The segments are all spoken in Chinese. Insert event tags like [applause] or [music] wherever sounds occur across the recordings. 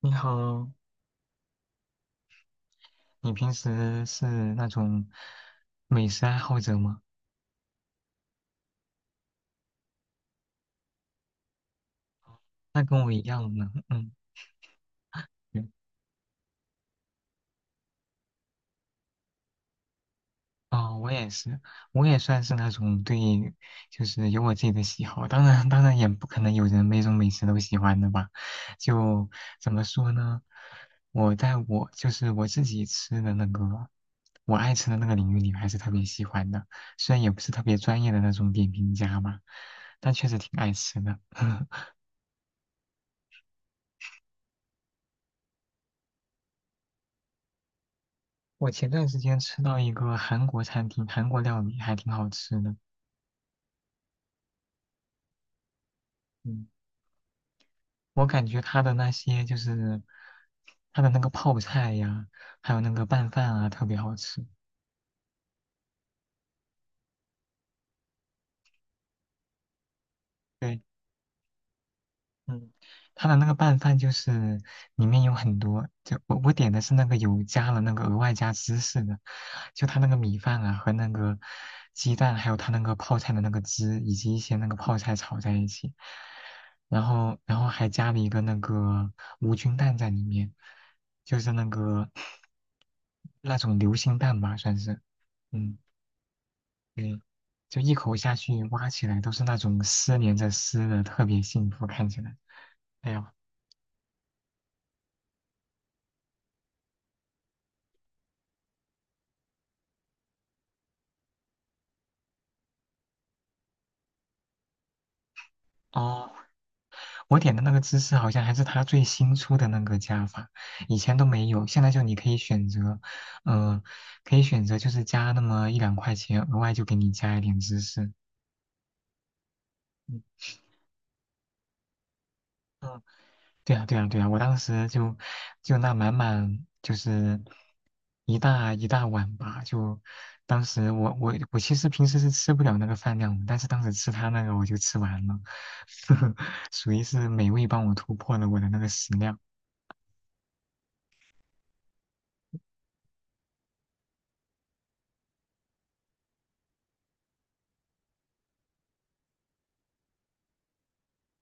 你好，你平时是那种美食爱好者吗？那跟我一样呢。嗯，对哦，我也是，我也算是那种对，就是有我自己的喜好。当然也不可能有人每种美食都喜欢的吧？就怎么说呢？我就是我自己吃的那个，我爱吃的那个领域里，还是特别喜欢的。虽然也不是特别专业的那种点评家吧，但确实挺爱吃的。[laughs] 我前段时间吃到一个韩国餐厅，韩国料理还挺好吃的。嗯，我感觉它的那些就是它的那个泡菜呀，还有那个拌饭啊，特别好吃。对，嗯，它的那个拌饭就是里面有很多，就我点的是那个有加了那个额外加芝士的，就它那个米饭啊和那个鸡蛋，还有它那个泡菜的那个汁，以及一些那个泡菜炒在一起，然后还加了一个那个无菌蛋在里面，就是那个那种流心蛋吧，算是，嗯，对，就一口下去挖起来都是那种丝连着丝的，特别幸福，看起来，哎呀。哦，我点的那个芝士好像还是他最新出的那个加法，以前都没有。现在就你可以选择，嗯、可以选择就是加那么一两块钱，额外就给你加一点芝士。嗯嗯对啊，对啊，对啊，我当时就那满满就是一大一大碗吧，就当时我其实平时是吃不了那个饭量的，但是当时吃他那个我就吃完了，[laughs] 属于是美味帮我突破了我的那个食量。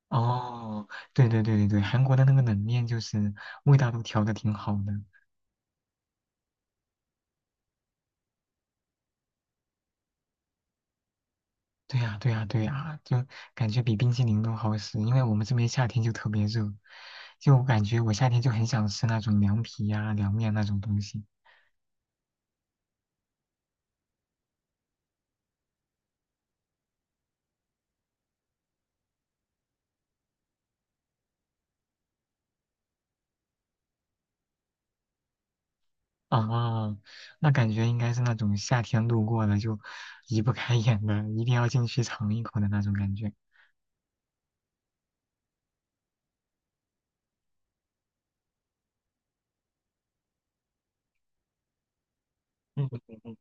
哦，对对对对对，韩国的那个冷面就是味道都调的挺好的。对呀对呀对呀，就感觉比冰淇淋都好吃，因为我们这边夏天就特别热，就感觉我夏天就很想吃那种凉皮呀、凉面那种东西。哦，那感觉应该是那种夏天路过了就移不开眼的，一定要进去尝一口的那种感觉。嗯嗯嗯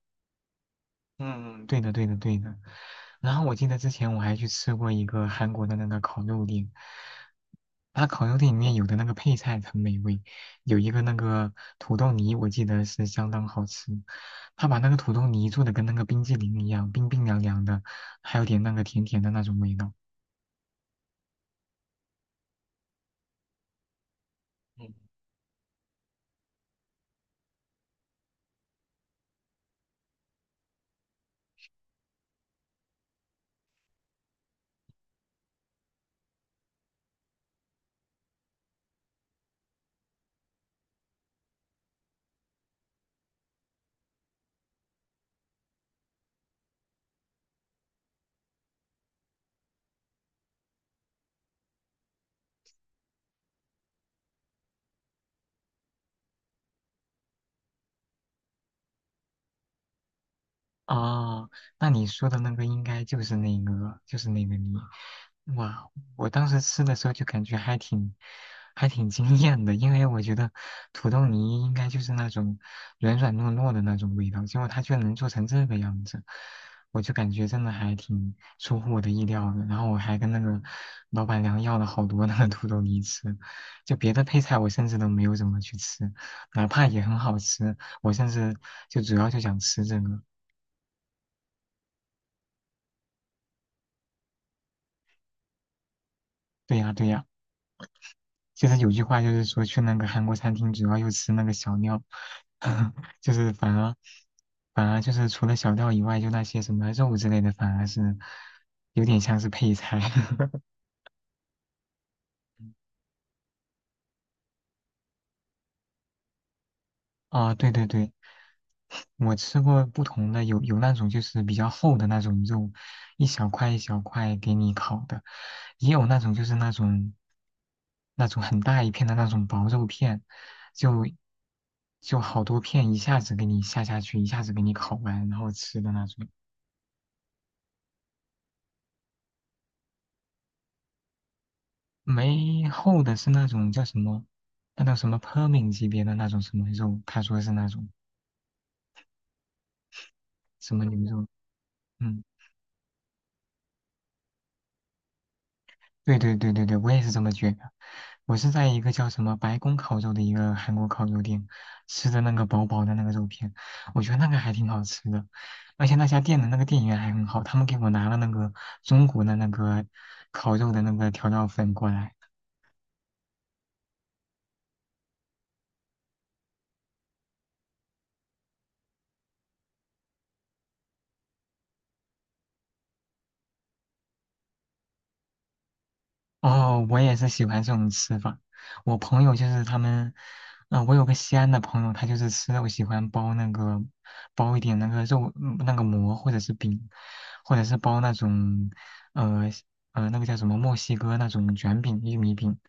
嗯，对的，对的，对的。然后我记得之前我还去吃过一个韩国的那个烤肉店，他烤肉店里面有的那个配菜很美味，有一个那个土豆泥，我记得是相当好吃。他把那个土豆泥做的跟那个冰激凌一样，冰冰凉凉的，还有点那个甜甜的那种味道。哦，那你说的那个应该就是那个，就是那个你，哇！我当时吃的时候就感觉还挺，还挺惊艳的，因为我觉得土豆泥应该就是那种软软糯糯的那种味道，结果它居然能做成这个样子，我就感觉真的还挺出乎我的意料的。然后我还跟那个老板娘要了好多那个土豆泥吃，就别的配菜我甚至都没有怎么去吃，哪怕也很好吃，我甚至就主要就想吃这个。对呀，对呀，就是有句话就是说去那个韩国餐厅，主要又吃那个小料，[laughs] 就是反而就是除了小料以外，就那些什么肉之类的，反而是有点像是配菜。[laughs] 啊，对对对，我吃过不同的，有那种就是比较厚的那种肉，一小块一小块给你烤的，也有那种就是那种很大一片的那种薄肉片，就就好多片一下子给你下下去，一下子给你烤完，然后吃的那种。没厚的是那种叫什么，那叫什么 Permin 级别的那种什么肉，他说是那种什么牛肉，嗯。对对对对对，我也是这么觉得。我是在一个叫什么白宫烤肉的一个韩国烤肉店吃的那个薄薄的那个肉片，我觉得那个还挺好吃的，而且那家店的那个店员还很好，他们给我拿了那个中国的那个烤肉的那个调料粉过来。哦，我也是喜欢这种吃法。我朋友就是他们，啊、我有个西安的朋友，他就是吃肉喜欢包那个，包一点那个肉，嗯那个馍或者是饼，或者是包那种，呃那个叫什么墨西哥那种卷饼、玉米饼，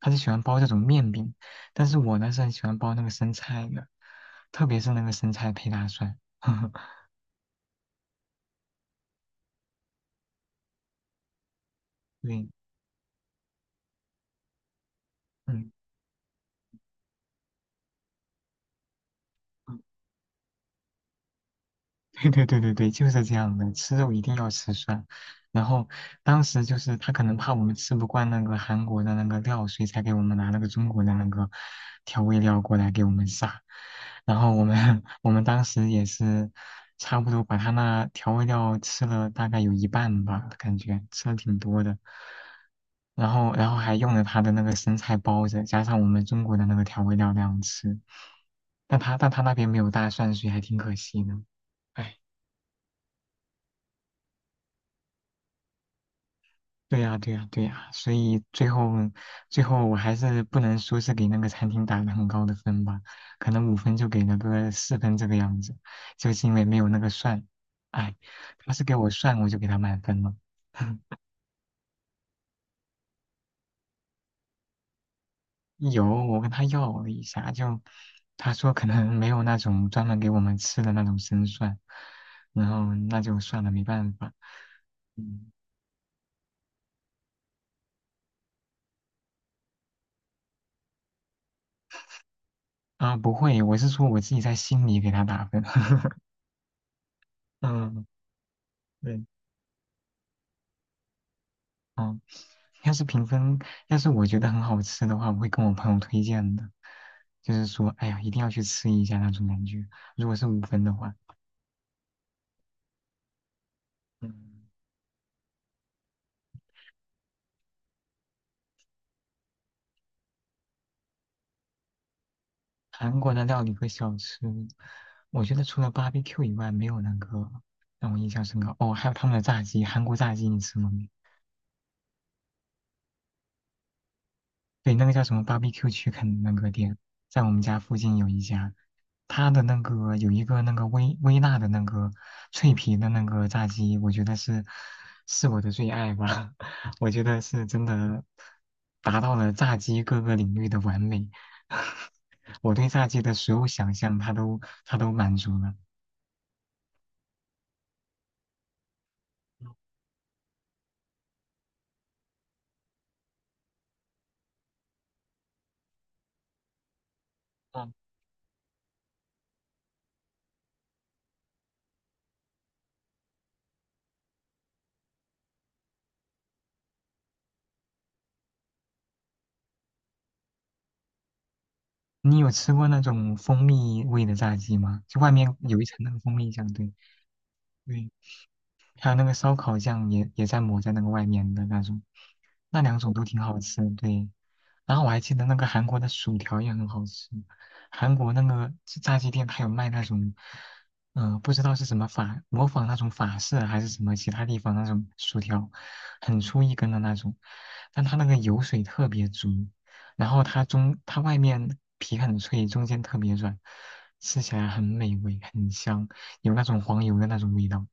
他是喜欢包这种面饼。但是我呢是很喜欢包那个生菜的，特别是那个生菜配大蒜。[laughs] 对，嗯。[laughs] 对对对对对，就是这样的，吃肉一定要吃蒜。然后当时就是他可能怕我们吃不惯那个韩国的那个料，所以才给我们拿了个中国的那个调味料过来给我们撒。然后我们 [laughs] 我们当时也是差不多把他那调味料吃了大概有一半吧，感觉吃了挺多的。然后还用了他的那个生菜包着，加上我们中国的那个调味料那样吃。但他那边没有大蒜，所以还挺可惜的。唉对呀，对呀，对呀，所以最后，最后我还是不能说是给那个餐厅打了很高的分吧，可能五分就给了个四分这个样子，就是因为没有那个蒜，哎，他是给我蒜，我就给他满分了。[laughs] 有，我跟他要了一下，就他说可能没有那种专门给我们吃的那种生蒜，然后那就算了，没办法。嗯，啊，不会，我是说我自己在心里给他打分。[laughs] 嗯，对。哦，要是评分，要是我觉得很好吃的话，我会跟我朋友推荐的，就是说，哎呀，一定要去吃一下那种感觉。如果是五分的话，嗯，韩国的料理和小吃，我觉得除了 barbecue 以外，没有那个让我印象深刻。哦，还有他们的炸鸡，韩国炸鸡你吃过没？对，那个叫什么 BBQ a r e c u 区肯那个店，在我们家附近有一家，它的那个有一个那个微微辣的那个脆皮的那个炸鸡，我觉得是我的最爱吧，[laughs] 我觉得是真的达到了炸鸡各个领域的完美，[laughs] 我对炸鸡的所有想象它都满足了。嗯，你有吃过那种蜂蜜味的炸鸡吗？就外面有一层那个蜂蜜酱，对对。还有那个烧烤酱也在抹在那个外面的那种，那两种都挺好吃，对。然后我还记得那个韩国的薯条也很好吃，韩国那个炸鸡店它有卖那种，嗯、不知道是什么法，模仿那种法式啊还是什么其他地方那种薯条，很粗一根的那种，但它那个油水特别足，然后它外面皮很脆，中间特别软，吃起来很美味，很香，有那种黄油的那种味道。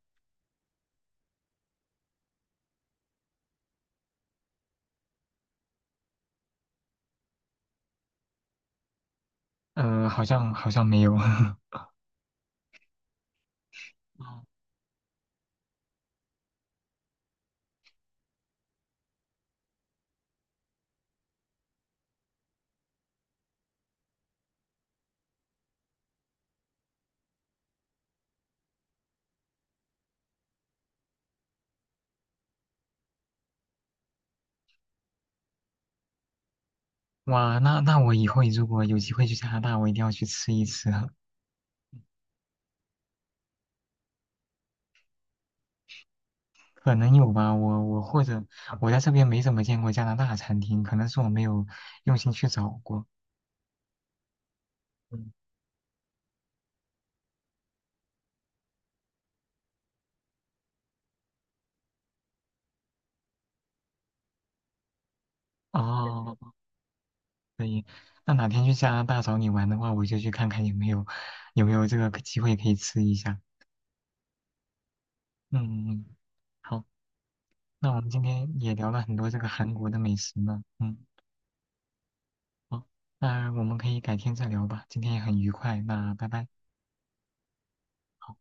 好像没有。[laughs] 哦哇，那我以后如果有机会去加拿大，我一定要去吃一吃，可能有吧。我或者我在这边没怎么见过加拿大餐厅，可能是我没有用心去找过。嗯，哦，可以。那哪天去加拿大找你玩的话，我就去看看有没有这个机会可以吃一下。嗯，嗯嗯好，那我们今天也聊了很多这个韩国的美食呢。嗯，好，那我们可以改天再聊吧。今天也很愉快，那拜拜。好